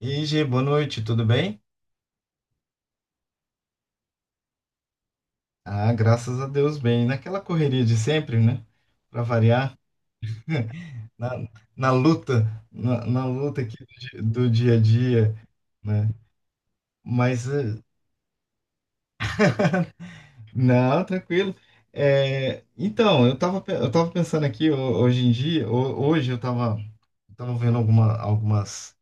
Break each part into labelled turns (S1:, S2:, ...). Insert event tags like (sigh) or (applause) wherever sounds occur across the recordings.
S1: E G, boa noite, tudo bem? Ah, graças a Deus, bem. Naquela correria de sempre, né? Para variar, (laughs) na, na luta, na luta aqui do dia a dia, né? Mas, não, tranquilo. É, então, eu tava pensando aqui hoje em dia, hoje eu tava vendo alguma, algumas,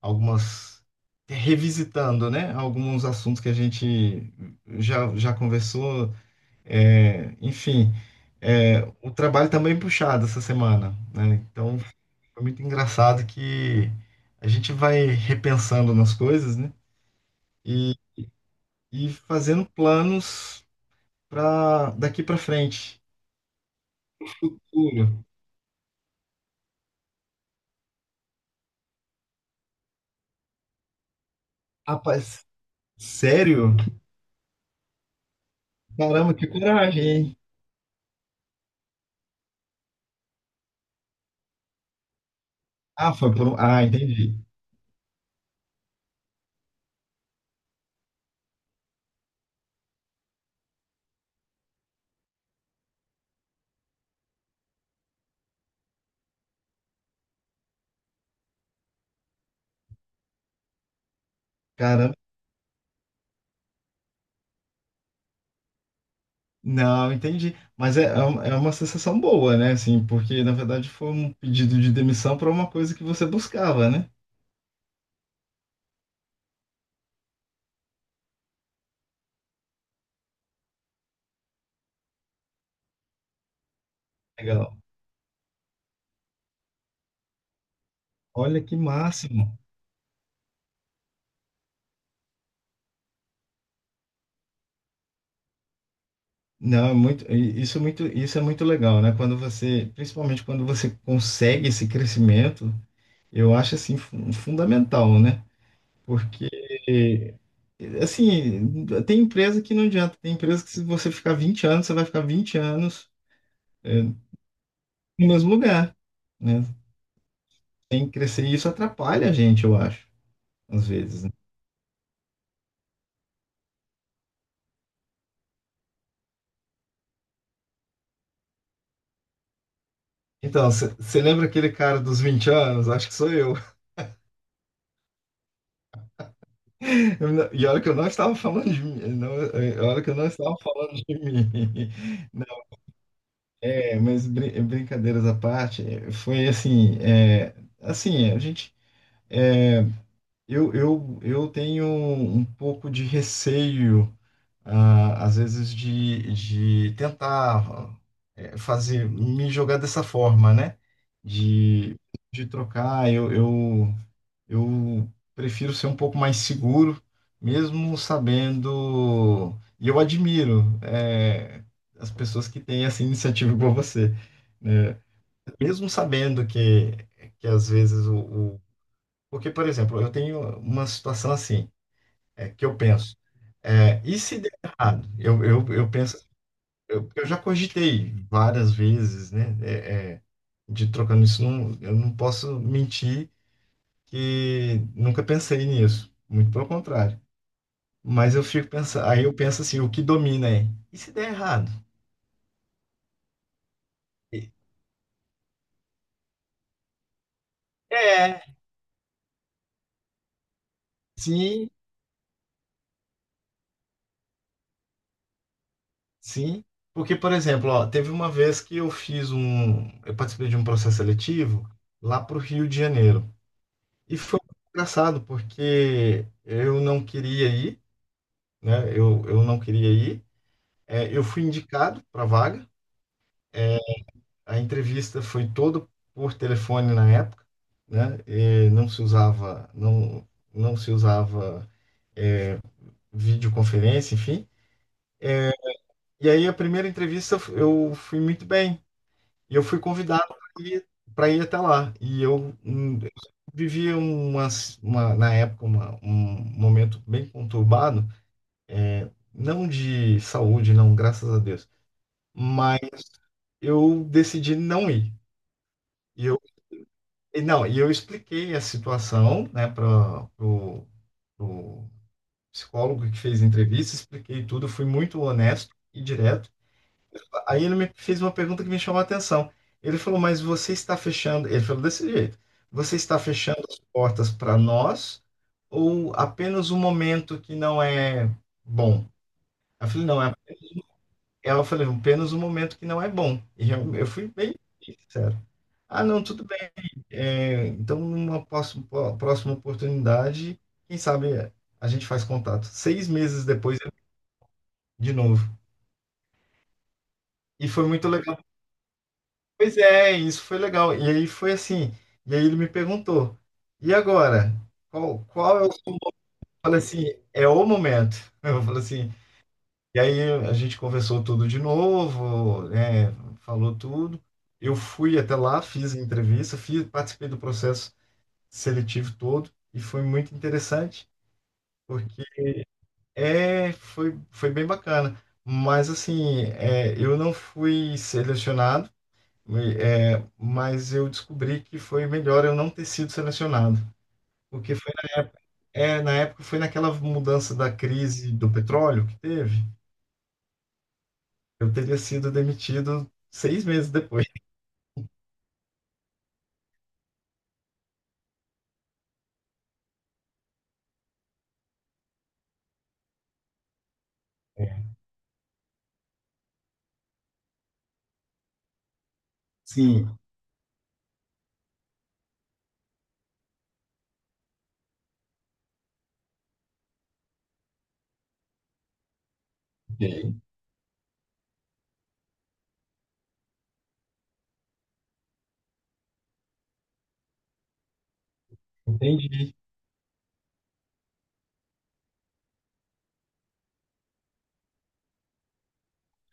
S1: algumas, revisitando, né? Alguns assuntos que a gente já conversou. É, enfim, o trabalho tá bem puxado essa semana, né? Então foi muito engraçado que a gente vai repensando nas coisas, né? E, e fazendo planos para daqui para frente. Juro. Rapaz, sério? Caramba, que coragem, hein? Ah, foi por um... Ah, entendi. Caramba. Não, entendi. Mas é uma sensação boa, né? Assim, porque na verdade foi um pedido de demissão para uma coisa que você buscava, né? Legal. Olha que máximo. Não, isso é muito legal, né? Quando você, principalmente quando você consegue esse crescimento, eu acho assim fundamental, né? Porque assim, tem empresa que não adianta, tem empresa que se você ficar 20 anos, você vai ficar 20 anos é, no mesmo lugar, né? Tem que crescer e isso atrapalha a gente, eu acho, às vezes, né? Então, você lembra aquele cara dos 20 anos? Acho que sou eu. E olha que eu não estava falando de mim. Não, olha que eu não estava falando de mim. (laughs) Não, mas brincadeiras à parte, foi assim, assim, a gente, é, eu, eu tenho um pouco de receio, ah, às vezes, de tentar fazer, me jogar dessa forma, né? De, de trocar, eu prefiro ser um pouco mais seguro, mesmo sabendo. E eu admiro, as pessoas que têm essa iniciativa igual você, né? Mesmo sabendo que às vezes. Porque, por exemplo, eu tenho uma situação assim, que eu penso, e se der errado? Eu penso, eu já cogitei várias vezes, né? De trocando isso, não, eu não posso mentir que nunca pensei nisso, muito pelo contrário. Mas eu fico pensando, aí eu penso assim, o que domina e se der errado? E- É, sim, sim. Porque, por exemplo, ó, teve uma vez que eu participei de um processo seletivo lá para o Rio de Janeiro. E foi engraçado, porque eu não queria ir, né? Eu não queria ir. É, eu fui indicado para a vaga. A entrevista foi toda por telefone na época, né? E não se usava videoconferência, enfim. E aí a primeira entrevista eu fui muito bem. E eu fui convidado para ir, pra ir até lá. E eu vivia na época um momento bem conturbado, não de saúde, não, graças a Deus. Mas eu decidi não ir. E eu E Não, e eu expliquei a situação, né, para o psicólogo que fez a entrevista, expliquei tudo, fui muito honesto e direto. Aí ele me fez uma pergunta que me chamou a atenção. Ele falou, mas você está fechando, ele falou desse jeito, você está fechando as portas para nós ou apenas um momento que não é bom? Eu falei, não, ela falou apenas um momento que não é bom. E eu fui bem sincero. Ah, não, tudo bem. É, então, numa próxima oportunidade, quem sabe a gente faz contato. 6 meses depois, de novo. E foi muito legal. Pois é, isso foi legal. E aí foi assim. E aí ele me perguntou: e agora? Qual é o. Eu falei assim: é o momento. (laughs) Eu falei assim. E aí a gente conversou tudo de novo, né, falou tudo. Eu fui até lá, fiz a entrevista, fiz, participei do processo seletivo todo. E foi muito interessante, porque foi, foi bem bacana. Mas assim, eu não fui selecionado, e, mas eu descobri que foi melhor eu não ter sido selecionado. Porque foi na época, na época foi naquela mudança da crise do petróleo que teve. Eu teria sido demitido 6 meses depois. (laughs) Sim, ok. Entendi.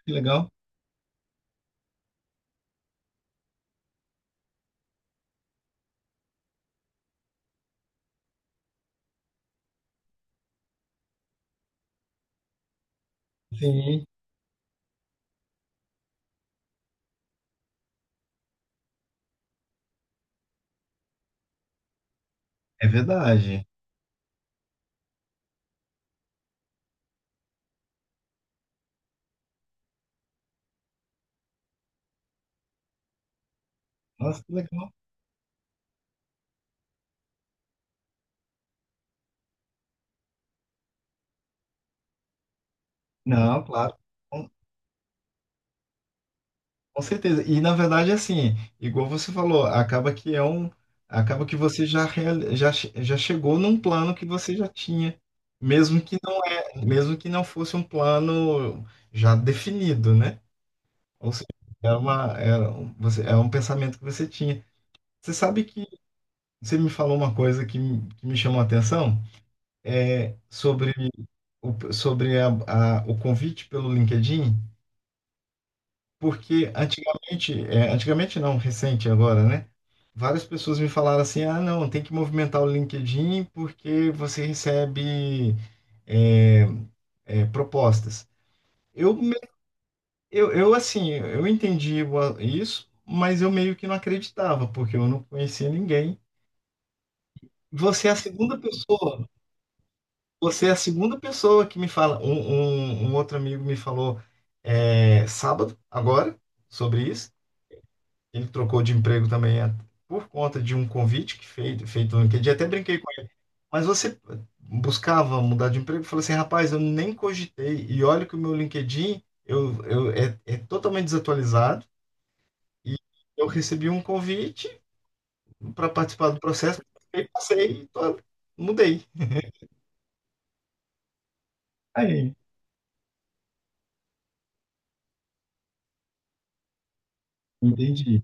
S1: Que legal. Sim, é verdade. Nossa, que legal. Não, claro. Com certeza. E na verdade, assim, igual você falou, acaba que é um, acaba que você já chegou num plano que você já tinha, mesmo que não é, mesmo que não fosse um plano já definido, né? Ou seja, é uma, você, é um pensamento que você tinha. Você sabe que você me falou uma coisa que me chamou a atenção, é sobre o, sobre o convite pelo LinkedIn. Porque antigamente, antigamente não, recente agora, né? Várias pessoas me falaram assim: ah, não, tem que movimentar o LinkedIn porque você recebe é, propostas. Eu, me- eu, assim, eu entendi isso, mas eu meio que não acreditava, porque eu não conhecia ninguém. Você é a segunda pessoa, Você é a segunda pessoa que me fala. Um outro amigo me falou sábado, agora, sobre isso. Ele trocou de emprego também por conta de um convite que feito no LinkedIn. Até brinquei com ele. Mas você buscava mudar de emprego? Eu falei assim, rapaz, eu nem cogitei. E olha que o meu LinkedIn é totalmente desatualizado. E eu recebi um convite para participar do processo. E passei, e mudei. Aí, entendi.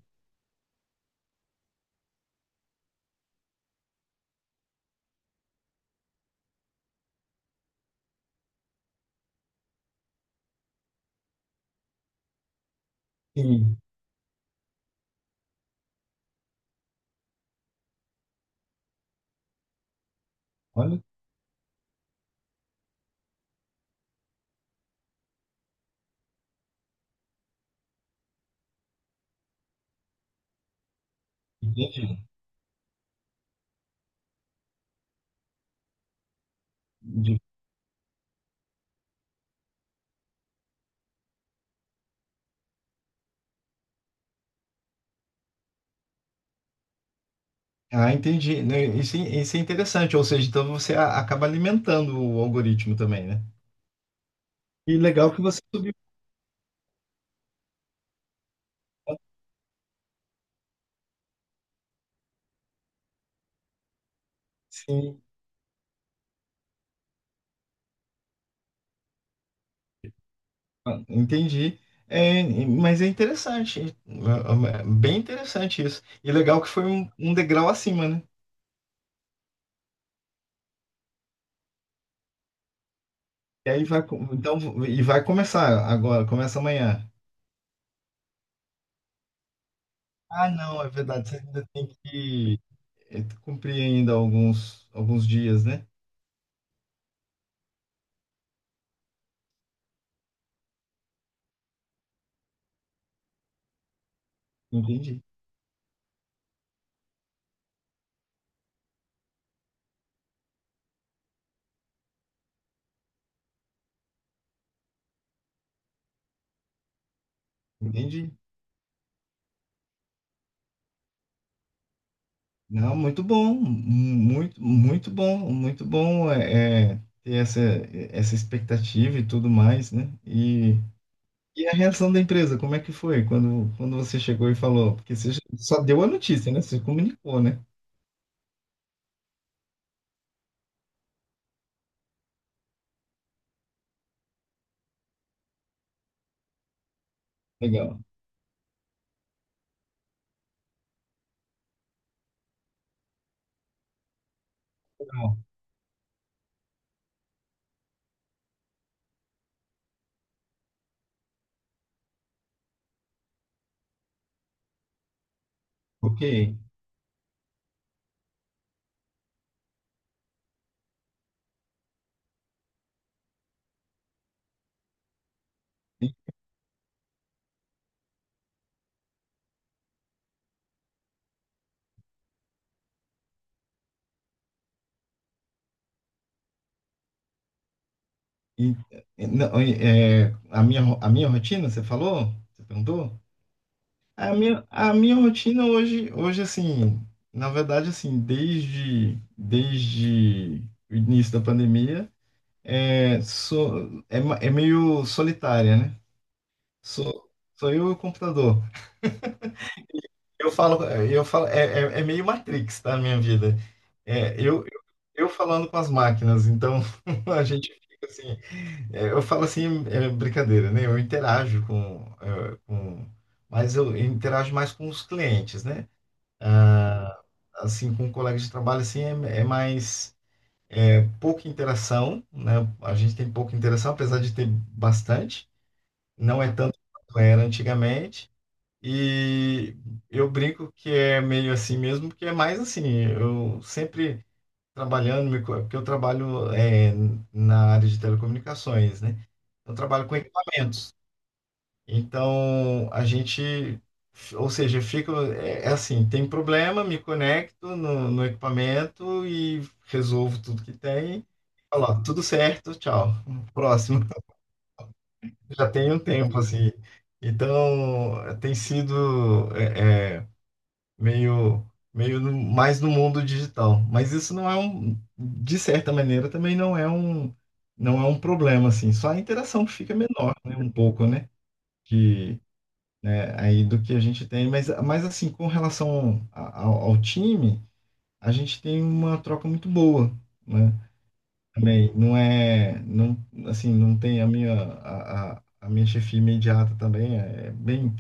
S1: Sim, olha, entendi. Entendi. Ah, entendi. Né, isso, isso é interessante, ou seja, então você acaba alimentando o algoritmo também, né? E legal que você. Sim, ah, entendi. É, mas é interessante, é bem interessante isso. E legal que foi um, um degrau acima, né? E aí então, e vai começar agora, começa amanhã. Ah, não, é verdade, você ainda tem que cumprir ainda alguns dias, né? Entendi, entendi. Não, muito bom ter essa, essa expectativa e tudo mais, né? E a reação da empresa, como é que foi quando, quando você chegou e falou? Porque você só deu a notícia, né? Você comunicou, né? Legal. Então, ok. E, e- não, a minha rotina, você falou? Você perguntou? A minha rotina hoje, assim, na verdade, assim, desde o início da pandemia, sou, é meio solitária, né? Sou, sou eu e o computador. Eu falo, é meio Matrix, tá, a minha vida. É, eu, eu falando com as máquinas, então (laughs) a gente fica assim, eu falo assim, é brincadeira, né? Eu interajo com, com, mas eu interajo mais com os clientes, né? Ah, assim, com colegas de trabalho, assim, pouca interação, né? A gente tem pouca interação, apesar de ter bastante, não é tanto quanto era antigamente. E eu brinco que é meio assim mesmo, porque é mais assim, eu sempre trabalhando, porque eu trabalho na área de telecomunicações, né? Eu trabalho com equipamentos. Então, a gente, ou seja, fica, é assim, tem problema, me conecto no, no equipamento e resolvo tudo que tem. Falo, tudo certo, tchau. Próximo. (laughs) Já tem um tempo, assim. Então, tem sido... meio, mais no mundo digital. Mas isso não é um, de certa maneira, também não é um problema, assim. Só a interação que fica menor, né, um pouco, né, que, né, aí do que a gente tem. Mas assim, com relação ao, ao time, a gente tem uma troca muito boa, né, também. Não é, não, assim, não tem a minha chefia imediata também, é bem,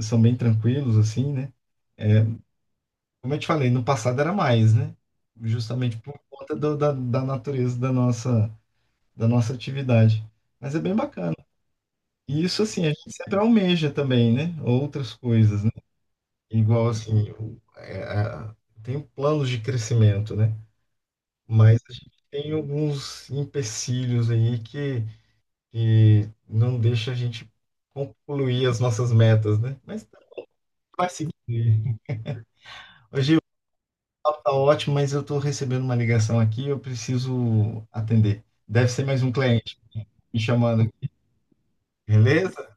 S1: são bem tranquilos, assim, né, é, como eu te falei, no passado era mais, né? Justamente por conta da natureza da nossa atividade. Mas é bem bacana. E isso, assim, a gente sempre almeja também, né? Outras coisas, né? Igual, assim, tem planos de crescimento, né? Mas a gente tem alguns empecilhos aí que não deixa a gente concluir as nossas metas, né? Mas tá, vai seguir. Papo tá ótimo, mas eu estou recebendo uma ligação aqui, eu preciso atender. Deve ser mais um cliente me chamando, aqui, beleza?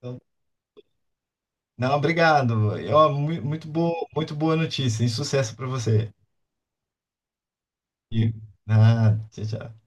S1: Então, não, obrigado. E, ó, muito boa notícia e sucesso para você. E, ah, tchau, tchau.